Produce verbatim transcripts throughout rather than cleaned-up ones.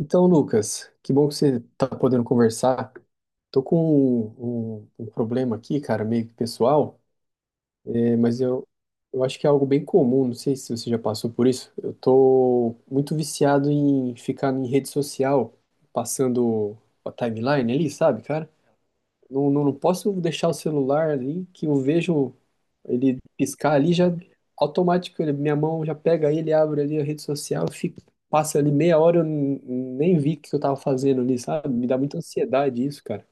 Então, Lucas, que bom que você está podendo conversar. Tô com um, um- um problema aqui, cara, meio que pessoal, é, mas eu, eu acho que é algo bem comum, não sei se você já passou por isso. Eu tô muito viciado em ficar em rede social, passando a timeline ali, sabe, cara? Não, não, não posso deixar o celular ali, que eu vejo ele piscar ali já automático, ele- minha mão já pega ele, abre ali a rede social, fico passa ali meia hora, eu n- nem vi o que eu tava fazendo ali, sabe? Me dá muita ansiedade isso, cara.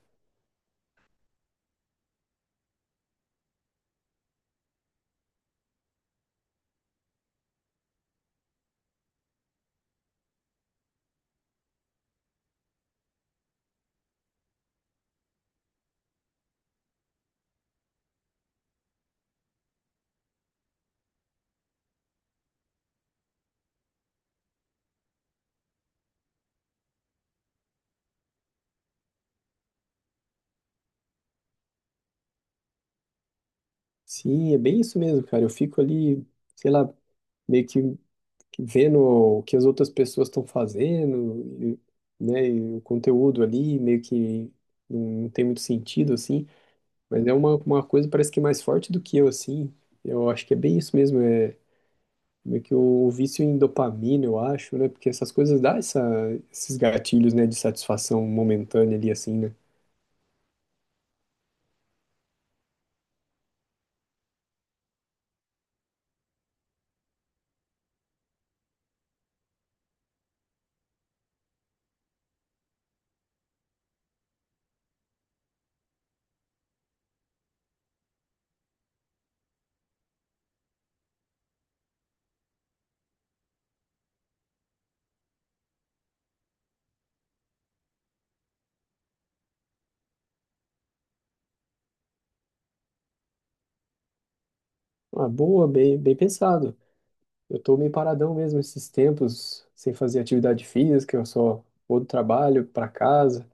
Sim, é bem isso mesmo, cara. Eu fico ali, sei lá, meio que vendo o que as outras pessoas estão fazendo, e, né, e o conteúdo ali meio que não tem muito sentido, assim, mas é uma, uma coisa parece que mais forte do que eu, assim, eu acho que é bem isso mesmo, é meio que o vício em dopamina, eu acho, né? Porque essas coisas dão essa, esses gatilhos, né, de satisfação momentânea ali, assim, né? Ah, boa, bem, bem pensado. Eu tô meio paradão mesmo esses tempos, sem fazer atividade física, eu só vou do trabalho pra casa,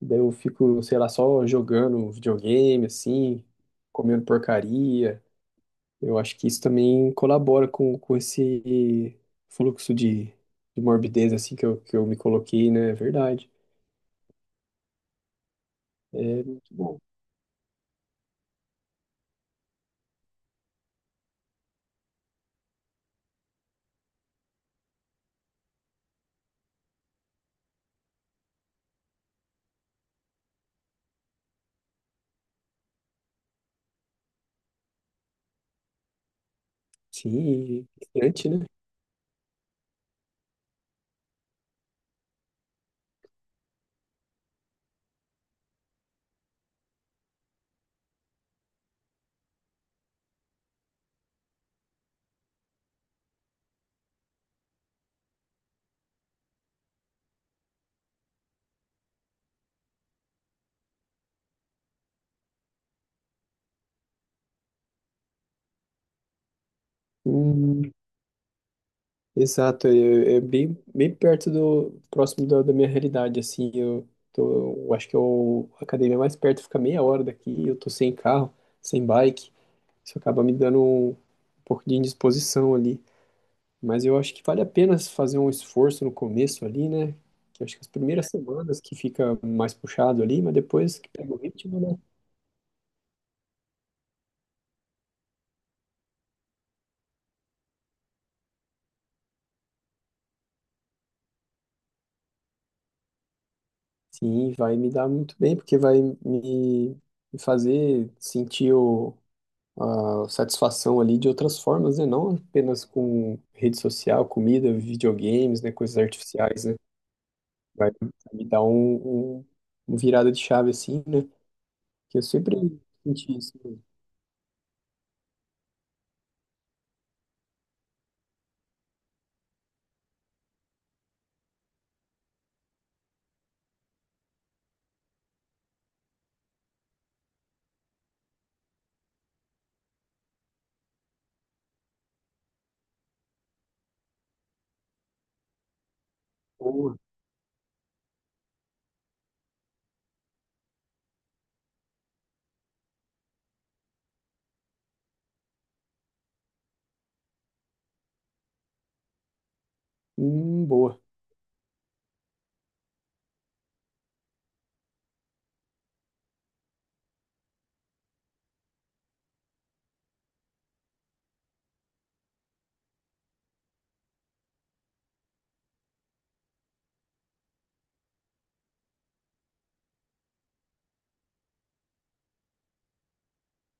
daí eu fico, sei lá, só jogando videogame, assim, comendo porcaria. Eu acho que isso também colabora com, com esse fluxo de, de morbidez, assim, que eu, que eu me coloquei, né? É verdade. É, muito bom. Sim, distante, né? Hum, exato, é, é bem, bem perto do, próximo da, da minha realidade, assim, eu tô, eu acho que eu, a academia mais perto fica meia hora daqui, eu tô sem carro, sem bike, isso acaba me dando um, um pouco de indisposição ali, mas eu acho que vale a pena fazer um esforço no começo ali, né? Que eu acho que as primeiras semanas que fica mais puxado ali, mas depois que pega o ritmo, né? Sim, vai me dar muito bem, porque vai me me fazer sentir o a satisfação ali de outras formas, né? Não apenas com rede social, comida, videogames, né? Coisas artificiais, né? Vai me dar um, um, uma virada de chave assim, né? Que eu sempre senti isso. né? Boa, hum, boa.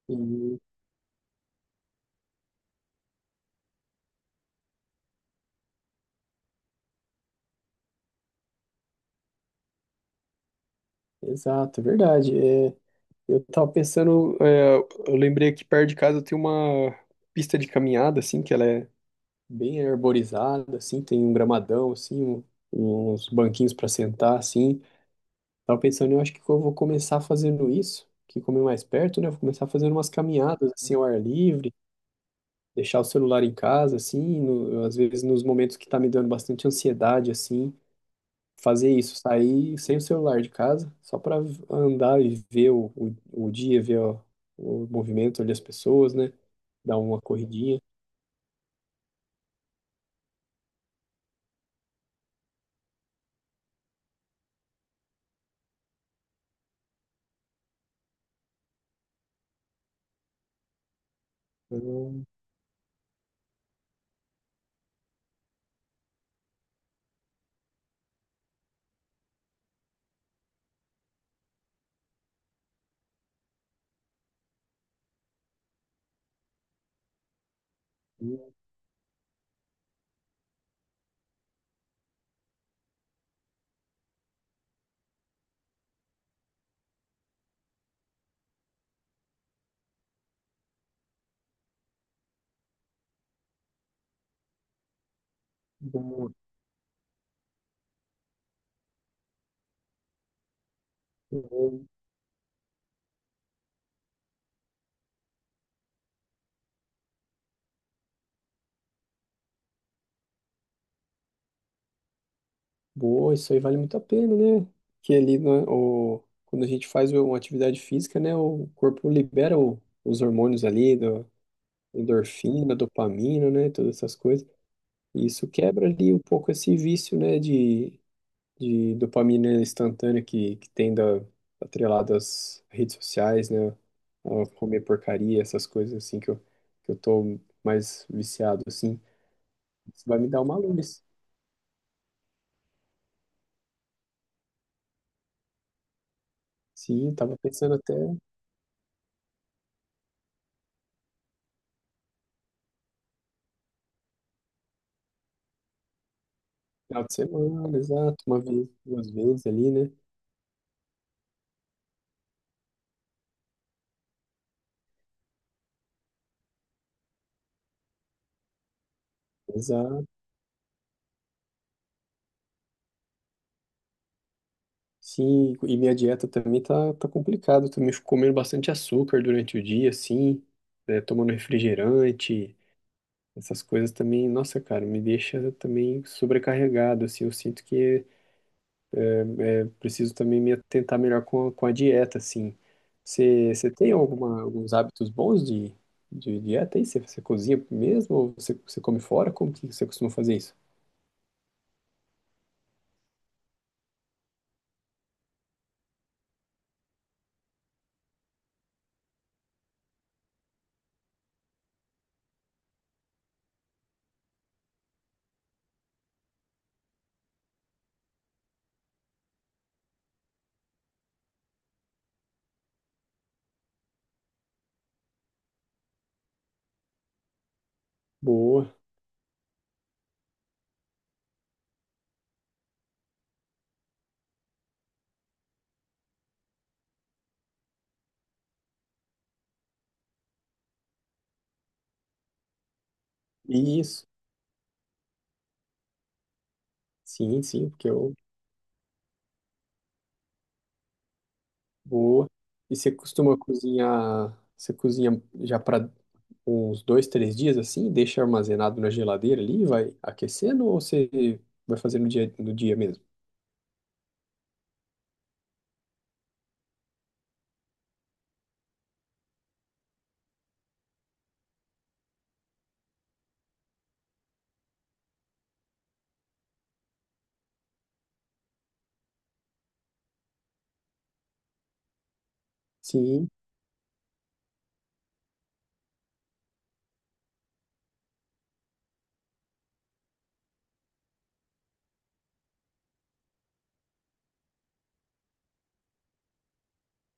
E- exato, é verdade. É, eu tava pensando, é, eu lembrei que perto de casa tem uma pista de caminhada, assim, que ela é bem arborizada, assim, tem um gramadão, assim, um- uns banquinhos para sentar, assim. Tava pensando, eu acho que eu vou começar fazendo isso, que como é mais perto, né? eu Vou começar fazendo umas caminhadas assim ao ar livre, deixar o celular em casa, assim, no- às vezes nos momentos que tá me dando bastante ansiedade, assim, fazer isso, sair sem o celular de casa, só para andar e ver o, o, o dia, ver ó, o movimento ali, as pessoas, né? Dar uma corridinha. Eu- eu- eu- não- Boa, isso aí vale muito a pena, né? Que ali, né, o, quando a gente faz uma atividade física, né, o corpo libera o- os hormônios ali, do, endorfina, dopamina, né, todas essas coisas. E isso quebra ali um pouco esse vício, né, de, de dopamina instantânea que, que tem da, atrelado às redes sociais, né, a comer porcaria, essas coisas assim que eu, que eu tô mais viciado, assim. Isso vai me dar uma luz. Sim, tava pensando até. Final de semana, exato, uma vez, duas vezes ali, né? Exato. Sim, e minha dieta também tá, tá complicada. Eu também fico comendo bastante açúcar durante o dia, assim, né? Tomando refrigerante, essas coisas também, nossa, cara, me deixa também sobrecarregado, assim. Eu sinto que eu preciso também me atentar melhor com a, com a dieta, assim. Você você tem alguma, alguns hábitos bons de, de dieta aí? Você você cozinha mesmo ou você, você come fora? Como que você costuma fazer isso? Boa. Isso. Sim, sim, porque eu boa. E você costuma cozinhar, você cozinha já para uns dois, três dias assim, deixa armazenado na geladeira ali, e vai aquecendo ou você vai fazer no dia, no dia mesmo? Sim,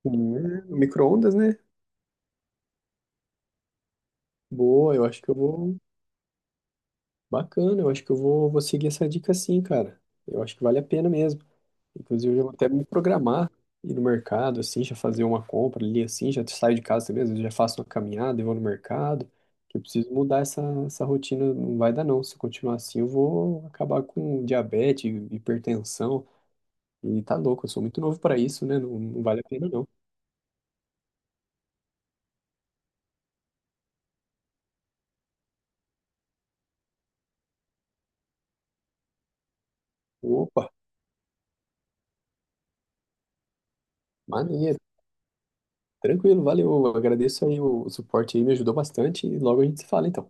sim, é, micro-ondas, né? Boa, eu acho que eu vou. Bacana, eu acho que eu vou, vou seguir essa dica sim, cara. Eu acho que vale a pena mesmo. Inclusive, eu vou até me programar, ir no mercado, assim, já fazer uma compra ali, assim, já saio de casa também, às vezes já faço uma caminhada e vou no mercado, que eu preciso mudar essa, essa rotina, não vai dar não, se eu continuar assim eu vou acabar com diabetes, hipertensão, e tá louco, eu sou muito novo para isso, né, não, não vale a pena não. Opa, maneiro, tranquilo, valeu, agradeço aí o, o suporte aí, me ajudou bastante, e logo a gente se fala então.